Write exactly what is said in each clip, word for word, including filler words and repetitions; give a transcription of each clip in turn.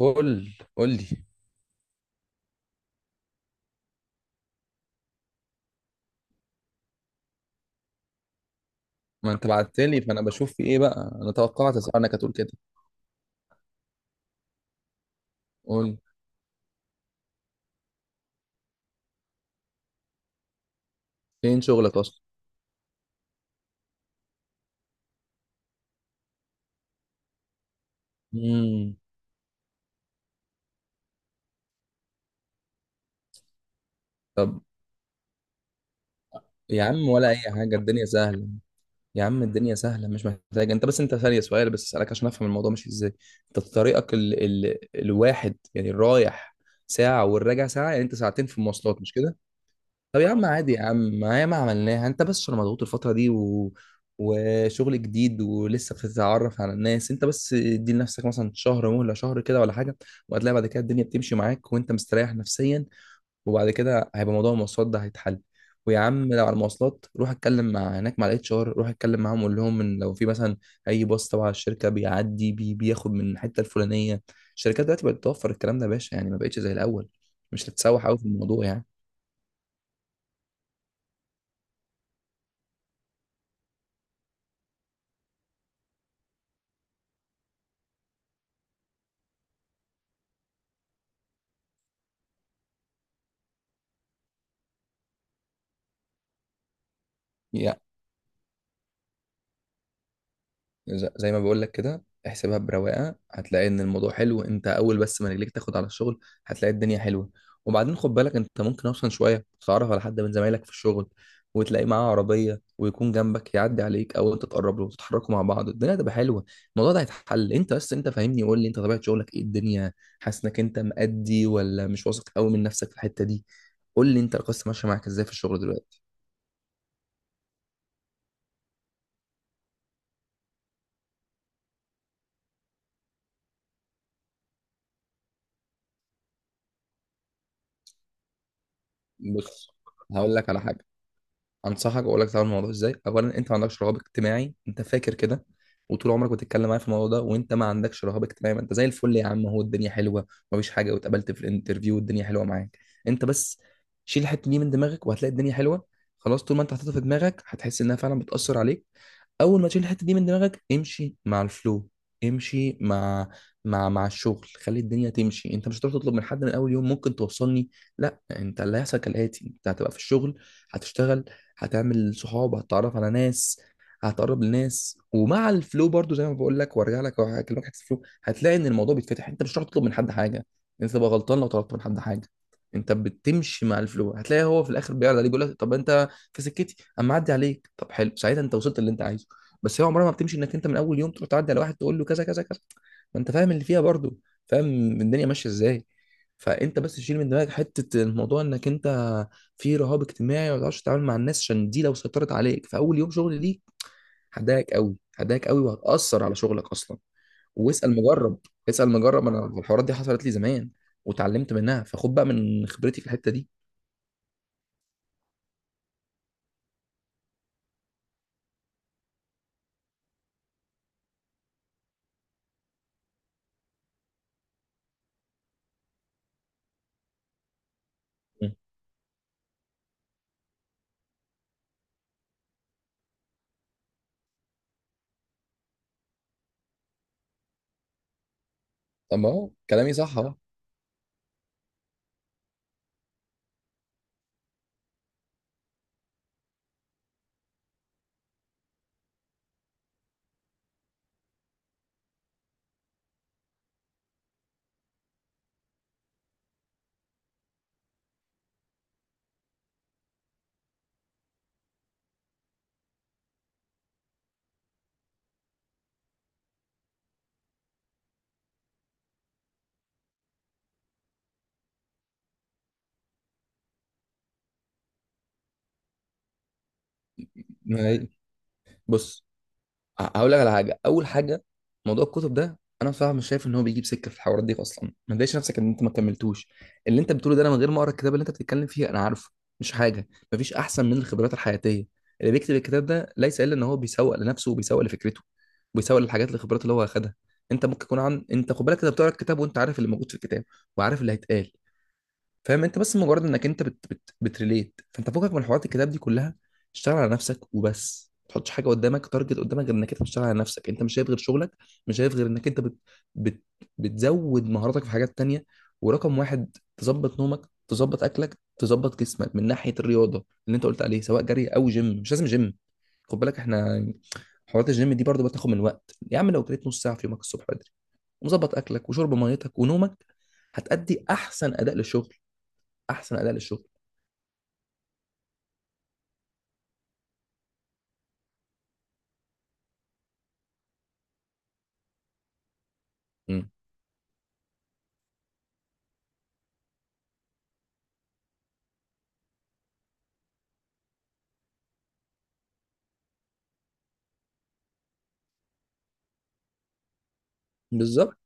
قول قول لي. ما انت بعت لي فانا بشوف في ايه بقى. انا توقعت اسالك هتقول كده. قول، فين شغلك اصلا؟ امم. طب يا عم، ولا اي حاجه، الدنيا سهله. يا عم الدنيا سهله، مش محتاج انت بس. انت ثانيه، سؤال بس اسالك عشان افهم الموضوع ماشي ازاي. انت طريقك ال... ال... الواحد يعني الرايح ساعه والراجع ساعه، يعني انت ساعتين في المواصلات، مش كده؟ طب يا عم عادي يا عم، ما هي ما عملناها، انت بس عشان مضغوط الفترة دي و... وشغل جديد ولسه بتتعرف على الناس. انت بس ادي لنفسك مثلا شهر مهلة، شهر كده ولا حاجة، وهتلاقي بعد كده الدنيا بتمشي معاك وانت مستريح نفسيا. وبعد كده هيبقى موضوع المواصلات ده هيتحل. ويا عم لو على المواصلات روح اتكلم مع هناك مع الاتش ار، روح اتكلم معاهم وقول لهم ان لو في مثلا اي باص تبع الشركه بيعدي بي بياخد من الحته الفلانيه. الشركات دلوقتي بقت توفر الكلام ده يا باشا، يعني ما بقتش زي الاول. مش هتتسوح قوي في الموضوع يعني. ز- زي ما بقول لك كده احسبها برواقه، هتلاقي ان الموضوع حلو. انت اول بس ما رجليك تاخد على الشغل هتلاقي الدنيا حلوه. وبعدين خد بالك انت ممكن اصلا شويه تتعرف على حد من زمايلك في الشغل، وتلاقي معاه عربيه ويكون جنبك يعدي عليك، او انت تقرب له وتتحركوا مع بعض، الدنيا هتبقى حلوه. الموضوع ده هيتحل. انت بس انت فاهمني، قول لي انت طبيعه شغلك ايه الدنيا؟ حاسس انك انت مأدي ولا مش واثق قوي من نفسك في الحته دي؟ قول لي انت القصه ماشيه معاك ازاي في الشغل دلوقتي؟ بص، هقول لك على حاجه. انصحك واقول لك تعمل الموضوع ازاي. اولا انت ما عندكش رهاب اجتماعي، انت فاكر كده. وطول عمرك بتتكلم معايا في الموضوع ده وانت ما عندكش رهاب اجتماعي. ما انت زي الفل يا عم، هو الدنيا حلوه مفيش حاجه، واتقابلت في الانترفيو والدنيا حلوه معاك. انت بس شيل الحته دي من دماغك وهتلاقي الدنيا حلوه. خلاص، طول ما انت حاططها في دماغك هتحس انها فعلا بتاثر عليك. اول ما تشيل الحته دي من دماغك امشي مع الفلو. امشي مع مع مع الشغل، خلي الدنيا تمشي. انت مش هتروح تطلب من حد من اول يوم، ممكن توصلني؟ لا، انت اللي هيحصل كالاتي: انت هتبقى في الشغل، هتشتغل، هتعمل صحاب، هتتعرف على ناس، هتقرب لناس، ومع الفلو برضو زي ما بقول لك، وارجع لك وهكلمك حته الفلو، هتلاقي ان الموضوع بيتفتح. انت مش هتعرف تطلب من حد حاجه. انت تبقى غلطان لو طلبت من حد حاجه. انت بتمشي مع الفلو هتلاقي هو في الاخر بيعرض عليك، بيقول لك طب انت في سكتي اما اعدي عليك؟ طب حلو، ساعتها انت وصلت اللي انت عايزه. بس هي عمرها ما بتمشي انك انت من اول يوم تروح تعدي على واحد تقول له كذا كذا كذا. ما انت فاهم اللي فيها برضو، فاهم الدنيا ماشيه ازاي. فانت بس تشيل من دماغك حته الموضوع انك انت في رهاب اجتماعي ما بتعرفش تتعامل مع الناس، عشان دي لو سيطرت عليك في اول يوم شغل ليك هتضايقك قوي، هتضايقك قوي وهتأثر على شغلك اصلا. واسأل مجرب، اسأل مجرب. انا الحوارات دي حصلت لي زمان وتعلمت منها، فخد بقى من خبرتي في الحتة دي. مم. طب ما هو كلامي صح اهو. ما هي- بص، ه- هقول لك على حاجه. اول حاجه، موضوع الكتب ده انا بصراحه مش شايف ان هو بيجيب سكه في الحوارات دي اصلا، ما تضايقش نفسك ان انت ما كملتوش. اللي انت بتقوله ده انا من غير ما اقرا الكتاب اللي انت بتتكلم فيه انا عارفه. مش حاجه، مفيش احسن من الخبرات الحياتيه. اللي بيكتب الكتاب ده ليس الا ان هو بيسوق لنفسه وبيسوق لفكرته، وبيسوق للحاجات الخبرات اللي هو اخدها. انت ممكن يكون عن، انت خد بالك انت بتقرا الكتاب وانت عارف اللي موجود في الكتاب وعارف اللي هيتقال. فاهم؟ انت بس مجرد انك انت بت بت بتريليت، فانت فوقك من حوارات الكتاب دي كلها. اشتغل على نفسك وبس، ما تحطش حاجه قدامك، تارجت قدامك غير انك انت بتشتغل على نفسك. انت مش شايف غير شغلك، مش شايف غير انك انت بت بت بتزود مهاراتك في حاجات تانية. ورقم واحد تظبط نومك، تظبط اكلك، تظبط جسمك من ناحيه الرياضه اللي انت قلت عليه، سواء جري او جيم. مش لازم جيم، خد بالك احنا حوارات الجيم دي برضو بتاخد من وقت يا عم. لو جريت نص ساعه في يومك الصبح بدري ومظبط اكلك وشرب ميتك ونومك، هتأدي احسن اداء للشغل، احسن اداء للشغل. مم. بالظبط.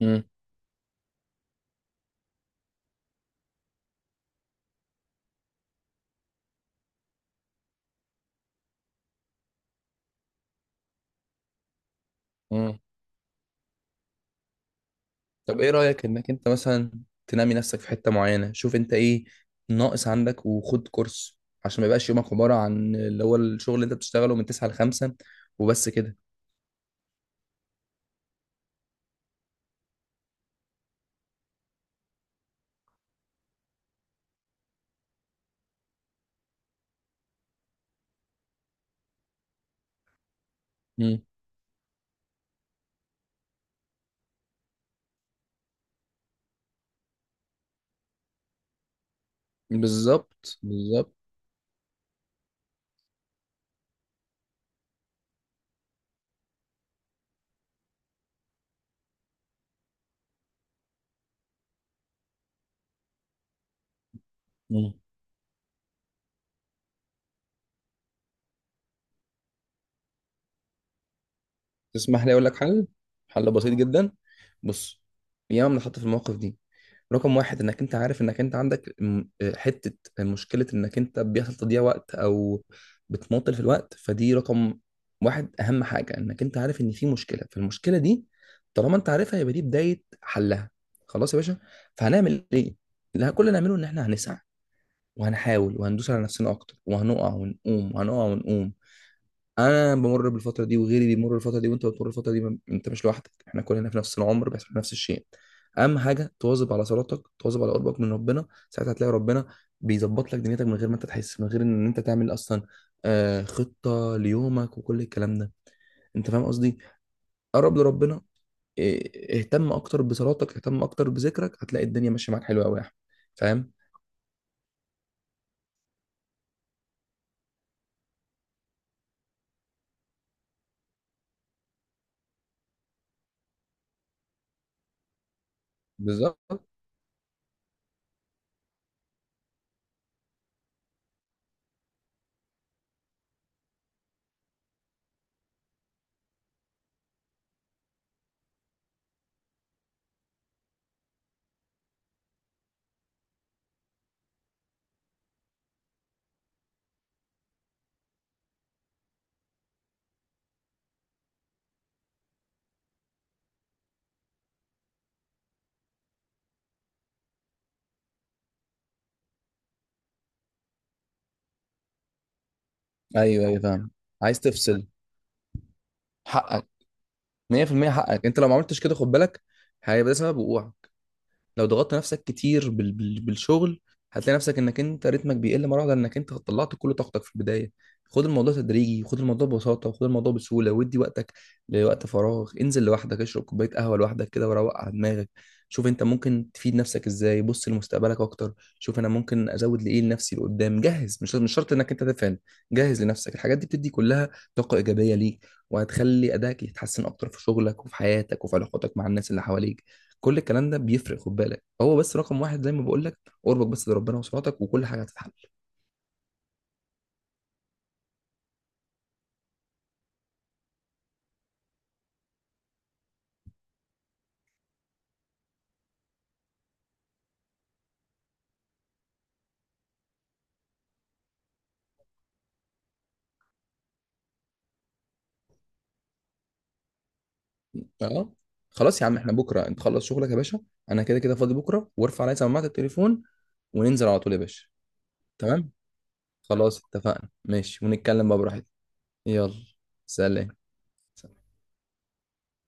مم. مم. طب ايه رايك انك انت مثلا تنمي نفسك في حته معينه؟ شوف انت ايه ناقص عندك وخد كورس، عشان ما يبقاش يومك عباره عن اللي هو الشغل اللي انت بتشتغله من تسعة ل خمسة وبس كده. مم. بالظبط بالظبط. مم. تسمح لي اقول لك حل؟ حل بسيط جدا. بص، ياما بنتحط في المواقف دي. رقم واحد، انك انت عارف انك انت عندك م- آه، حتة مشكلة، انك انت بيحصل تضييع وقت او بتمطل في الوقت، فدي رقم واحد. اهم حاجة انك انت عارف ان في مشكلة، فالمشكلة دي طالما انت عارفها يبقى دي بداية حلها. خلاص يا باشا، فهنعمل ايه؟ لا، كل اللي هنعمله ان احنا هنسعى وهنحاول وهندوس على نفسنا اكتر، وهنقع ونقوم وهنقع ونقوم. انا بمر بالفتره دي وغيري بيمر بالفتره دي وانت بتمر بالفتره دي. ما- انت مش لوحدك، احنا كلنا في نفس العمر بيحصل نفس الشيء. اهم حاجه تواظب على صلاتك، تواظب على قربك من ربنا، ساعتها هتلاقي ربنا بيظبط لك دنيتك من غير ما انت تحس، من غير ان انت تعمل اصلا آه، خطه ليومك وكل الكلام ده. انت فاهم قصدي؟ قرب لربنا. إيه، اهتم اكتر بصلاتك، اهتم اكتر بذكرك، هتلاقي الدنيا ماشيه معاك حلوه قوي يا احمد. فاهم؟ بالظبط. ايوه ايوه فاهم. عايز تفصل؟ حقك. مية في المية حقك. انت لو ما عملتش كده خد بالك هيبقى ده سبب وقوعك. لو ضغطت نفسك كتير بال... بال... بالشغل هتلاقي نفسك انك انت رتمك بيقل مره واحده، لانك انت طلعت كل طاقتك في البدايه. خد الموضوع تدريجي، خد الموضوع ببساطه، وخد الموضوع بسهوله، وادي وقتك لوقت فراغ. انزل لوحدك، اشرب كوبايه قهوه لوحدك كده وروق على دماغك. شوف انت ممكن تفيد نفسك ازاي. بص لمستقبلك اكتر، شوف انا ممكن ازود لايه لنفسي لقدام، جهز. مش مش شرط انك انت تفهم. جهز لنفسك الحاجات دي بتدي كلها طاقه ايجابيه ليك، وهتخلي ادائك يتحسن اكتر في شغلك وفي حياتك وفي علاقاتك مع الناس اللي حواليك. كل الكلام ده بيفرق خد بالك. هو بس رقم واحد زي ما بقول لك، قربك بس لربنا وصلاتك وكل حاجه هتتحل. اه، خلاص يا عم، احنا بكره انت خلص شغلك يا باشا. انا كده كده فاضي بكره، وارفع عليا سماعه التليفون وننزل على طول يا باشا. تمام، خلاص اتفقنا، ماشي، ونتكلم بقى براحتك. يلا. سلام.